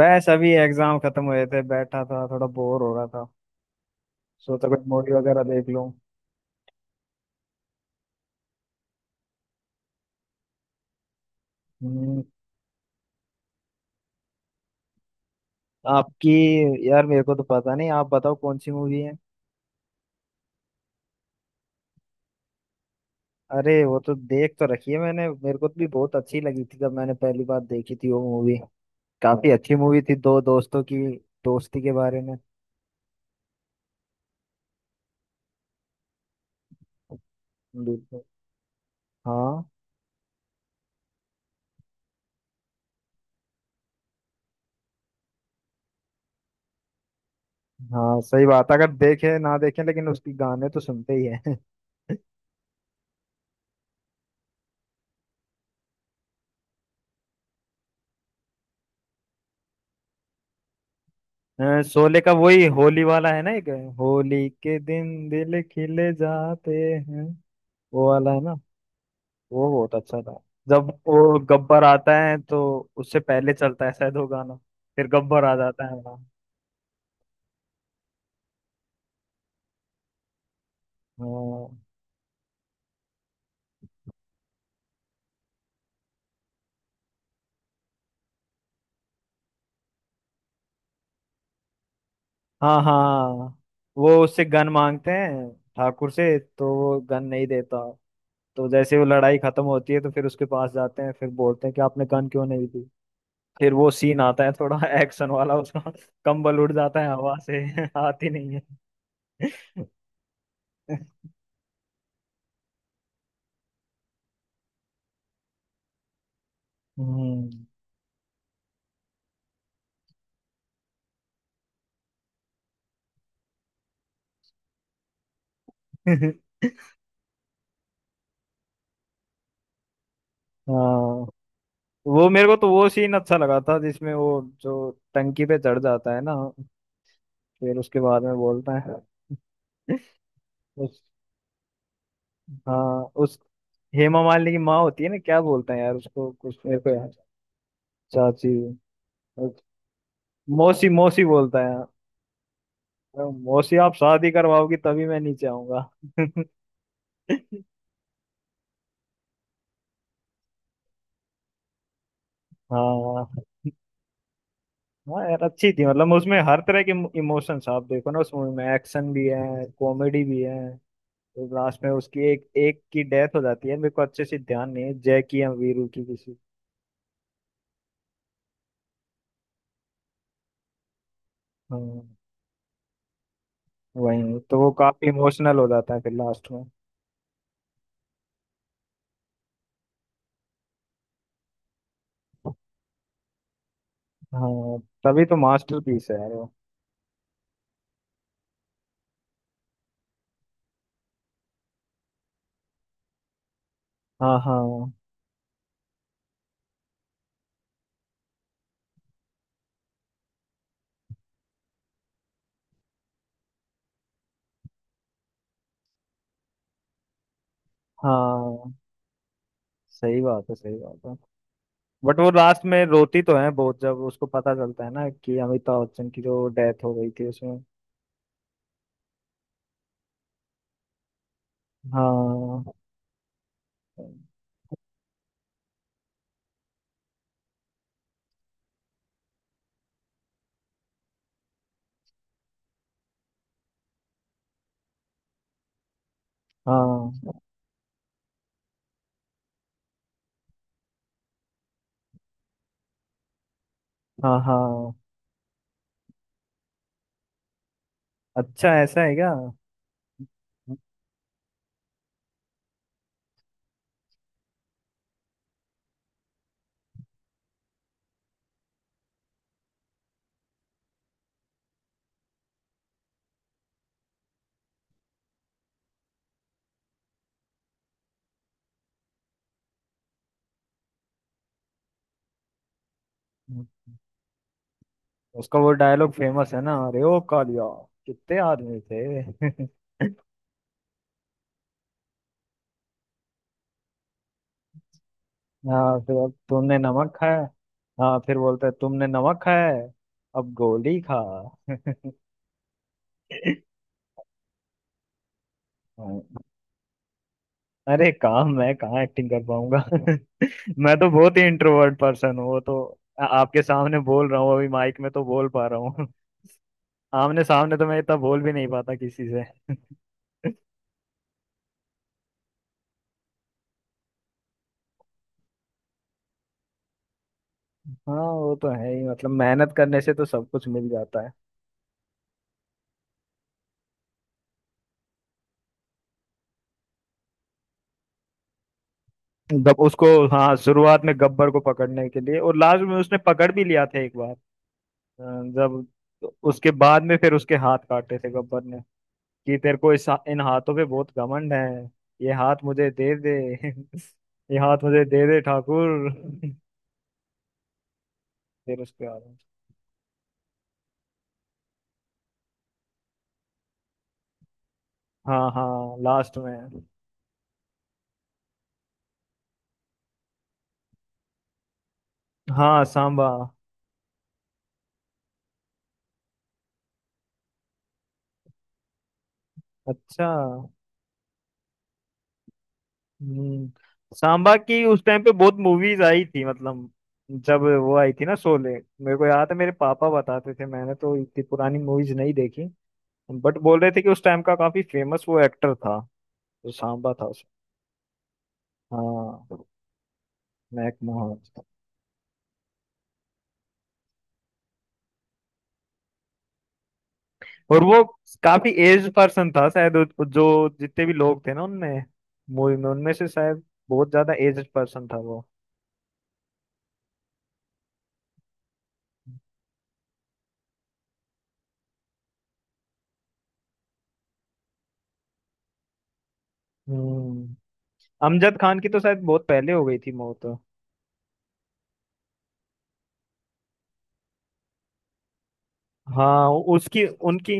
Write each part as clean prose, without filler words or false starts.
बस अभी एग्जाम खत्म हुए थे, बैठा था, थोड़ा बोर हो रहा था। सोचा कोई मूवी वगैरह देख लूं। हम्म। आपकी? यार, मेरे को तो पता नहीं, आप बताओ कौन सी मूवी है। अरे वो तो देख तो रखी है मैंने। मेरे को तो भी बहुत अच्छी लगी थी जब मैंने पहली बार देखी थी वो मूवी। काफी अच्छी मूवी थी, दो दोस्तों की दोस्ती के बारे में। बिल्कुल। हाँ। हाँ सही बात है, अगर देखे ना देखे लेकिन उसकी गाने तो सुनते ही है। हाँ, शोले का वही होली वाला है ना एक, होली के दिन दिल खिले जाते हैं। वो वाला है ना। वो बहुत अच्छा था। जब वो गब्बर आता है तो उससे पहले चलता है शायद वो गाना, फिर गब्बर आ जाता है वहाँ। हाँ हाँ हाँ। वो उससे गन मांगते हैं ठाकुर से, तो वो गन नहीं देता। तो जैसे वो लड़ाई खत्म होती है तो फिर उसके पास जाते हैं, फिर बोलते हैं कि आपने गन क्यों नहीं दी। फिर वो सीन आता है थोड़ा एक्शन वाला उसका। कंबल उड़ जाता है हवा से, आती नहीं है। हम्म। हाँ वो, मेरे को तो वो सीन अच्छा लगा था जिसमें वो जो टंकी पे चढ़ जाता है ना, फिर उसके बाद में बोलता है उस, हाँ उस, हेमा मालिनी की माँ होती है ना, क्या बोलता है यार उसको कुछ मेरे को याद। चाची मौसी, मौसी बोलता है। मौसी आप शादी करवाओगी तभी मैं नीचे आऊंगा। हाँ। हाँ यार अच्छी थी, मतलब उसमें हर तरह के इमोशंस, आप देखो ना उस मूवी में, एक्शन भी है, कॉमेडी भी है। तो लास्ट में उसकी एक एक की डेथ हो जाती है। मेरे को अच्छे से ध्यान नहीं है जय की या वीरू की किसी। हाँ वही, तो वो काफी इमोशनल हो जाता है फिर लास्ट में। हाँ, तभी तो मास्टरपीस है यार वो। हाँ हाँ हाँ सही बात है, सही बात है। बट वो लास्ट में रोती तो है बहुत जब उसको पता चलता है ना कि अमिताभ बच्चन की जो डेथ हो गई थी उसमें। हाँ। हाँ हाँ हाँ। अच्छा ऐसा है क्या। हम्म। उसका वो डायलॉग फेमस है ना, अरे ओ कालिया, कितने आदमी थे। हाँ फिर, अब तुमने नमक खाया। हाँ फिर बोलता है, तुमने नमक खाया है, अब गोली खा। हाँ, अरे काम मैं कहाँ एक्टिंग कर पाऊंगा। मैं तो बहुत ही इंट्रोवर्ट पर्सन हूँ। वो तो आपके सामने बोल रहा हूँ अभी, माइक में तो बोल पा रहा हूँ। आमने सामने तो मैं इतना बोल भी नहीं पाता किसी से। हाँ वो तो है ही, मतलब मेहनत करने से तो सब कुछ मिल जाता है। गब उसको, हाँ शुरुआत में गब्बर को पकड़ने के लिए, और लास्ट में उसने पकड़ भी लिया था एक बार। अ, जब उसके बाद में फिर उसके हाथ काटे थे गब्बर ने, कि तेरे को इस इन हाथों पे बहुत घमंड है, ये हाथ मुझे दे दे। ये हाथ मुझे दे दे ठाकुर। फिर उसके बाद, हाँ हाँ लास्ट में। हाँ सांबा। अच्छा। हम्म, सांबा की उस टाइम पे बहुत मूवीज आई थी, मतलब जब वो आई थी ना शोले। मेरे को याद है, मेरे पापा बताते थे, मैंने तो इतनी पुरानी मूवीज नहीं देखी, बट बोल रहे थे कि उस टाइम का काफी फेमस वो एक्टर था जो सांबा था उस। हाँ मैक मोहन। और वो काफी एज पर्सन था शायद जो जितने भी लोग थे ना उनमें, मूवी में, उनमें से शायद बहुत ज्यादा एज पर्सन था वो। हम्म। अमजद खान की तो शायद बहुत पहले हो गई थी मौत। हाँ। उसकी उनकी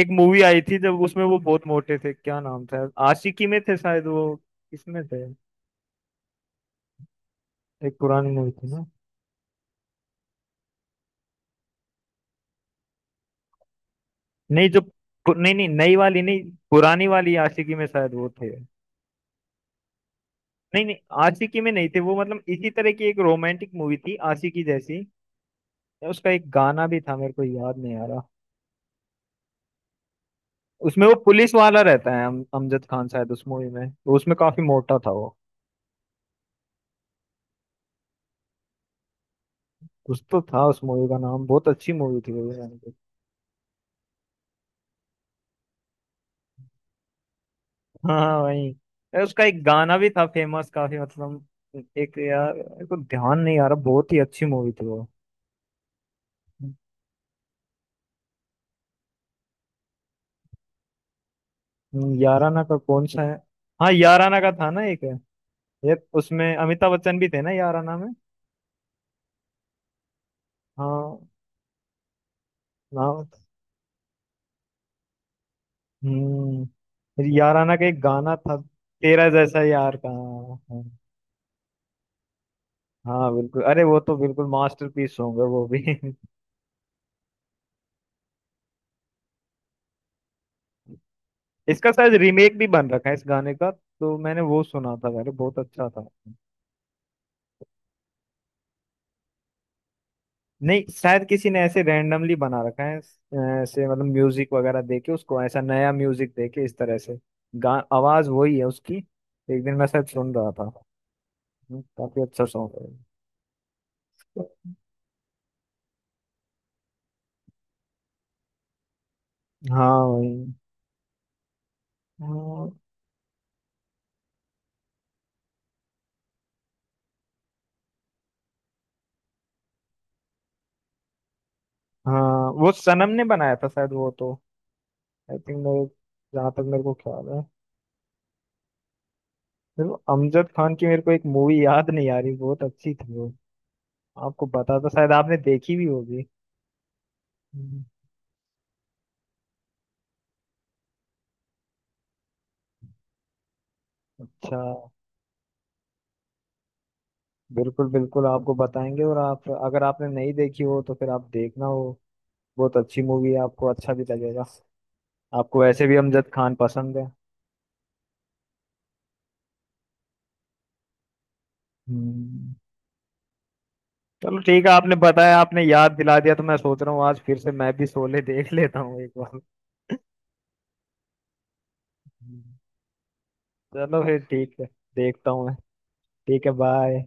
एक मूवी आई थी जब उसमें वो बहुत मोटे थे, क्या नाम था, आशिकी में थे शायद, वो किसमें थे, एक पुरानी मूवी थी ना। नहीं, नई वाली नहीं, पुरानी वाली आशिकी में शायद वो थे। नहीं नहीं, आशिकी में नहीं थे वो, मतलब इसी तरह की एक रोमांटिक मूवी थी आशिकी जैसी। उसका एक गाना भी था, मेरे को याद नहीं आ रहा। उसमें वो पुलिस वाला रहता है, अमजद खान शायद उस मूवी में, तो उसमें काफी मोटा था वो। कुछ तो था उस मूवी का नाम, बहुत अच्छी मूवी थी वो। हाँ वही। अरे उसका एक गाना भी था फेमस काफी, मतलब एक, यार मेरे को ध्यान नहीं आ रहा, बहुत ही अच्छी मूवी थी वो। याराना का कौन सा है। हाँ याराना का था ना एक, ये उसमें अमिताभ बच्चन भी थे ना याराना में। हाँ। नाम। हम्म। फिर याराना का एक गाना था, तेरा जैसा यार का, हाँ। हाँ, बिल्कुल, अरे वो तो बिल्कुल मास्टरपीस होंगे वो भी। इसका शायद रीमेक भी बन रखा है इस गाने का, तो मैंने वो सुना था, अरे बहुत अच्छा था। नहीं शायद किसी ने ऐसे रैंडमली बना रखा है, ऐसे मतलब म्यूजिक वगैरह दे के उसको, ऐसा नया म्यूजिक दे के इस तरह से गा, आवाज वही है उसकी। एक दिन मैं शायद सुन रहा था। काफी अच्छा सॉन्ग है। हाँ वही। हाँ हाँ, वो सनम ने बनाया था शायद वो तो, आई थिंक मेरे, जहाँ तक मेरे को ख्याल है। फिर वो अमजद खान की मेरे को एक मूवी याद नहीं आ रही, बहुत अच्छी थी वो। आपको पता था शायद, आपने देखी भी होगी। हम्म। अच्छा। बिल्कुल बिल्कुल, आपको बताएंगे। और आप, अगर आपने नहीं देखी हो तो फिर आप देखना हो, बहुत अच्छी मूवी है, आपको अच्छा भी लगेगा, आपको वैसे भी अमजद खान पसंद है। हम्म। चलो ठीक है, आपने बताया, आपने याद दिला दिया, तो मैं सोच रहा हूँ आज फिर से मैं भी शोले देख लेता हूँ एक बार। हम्म। चलो फिर ठीक है, देखता हूँ मैं। ठीक है, बाय।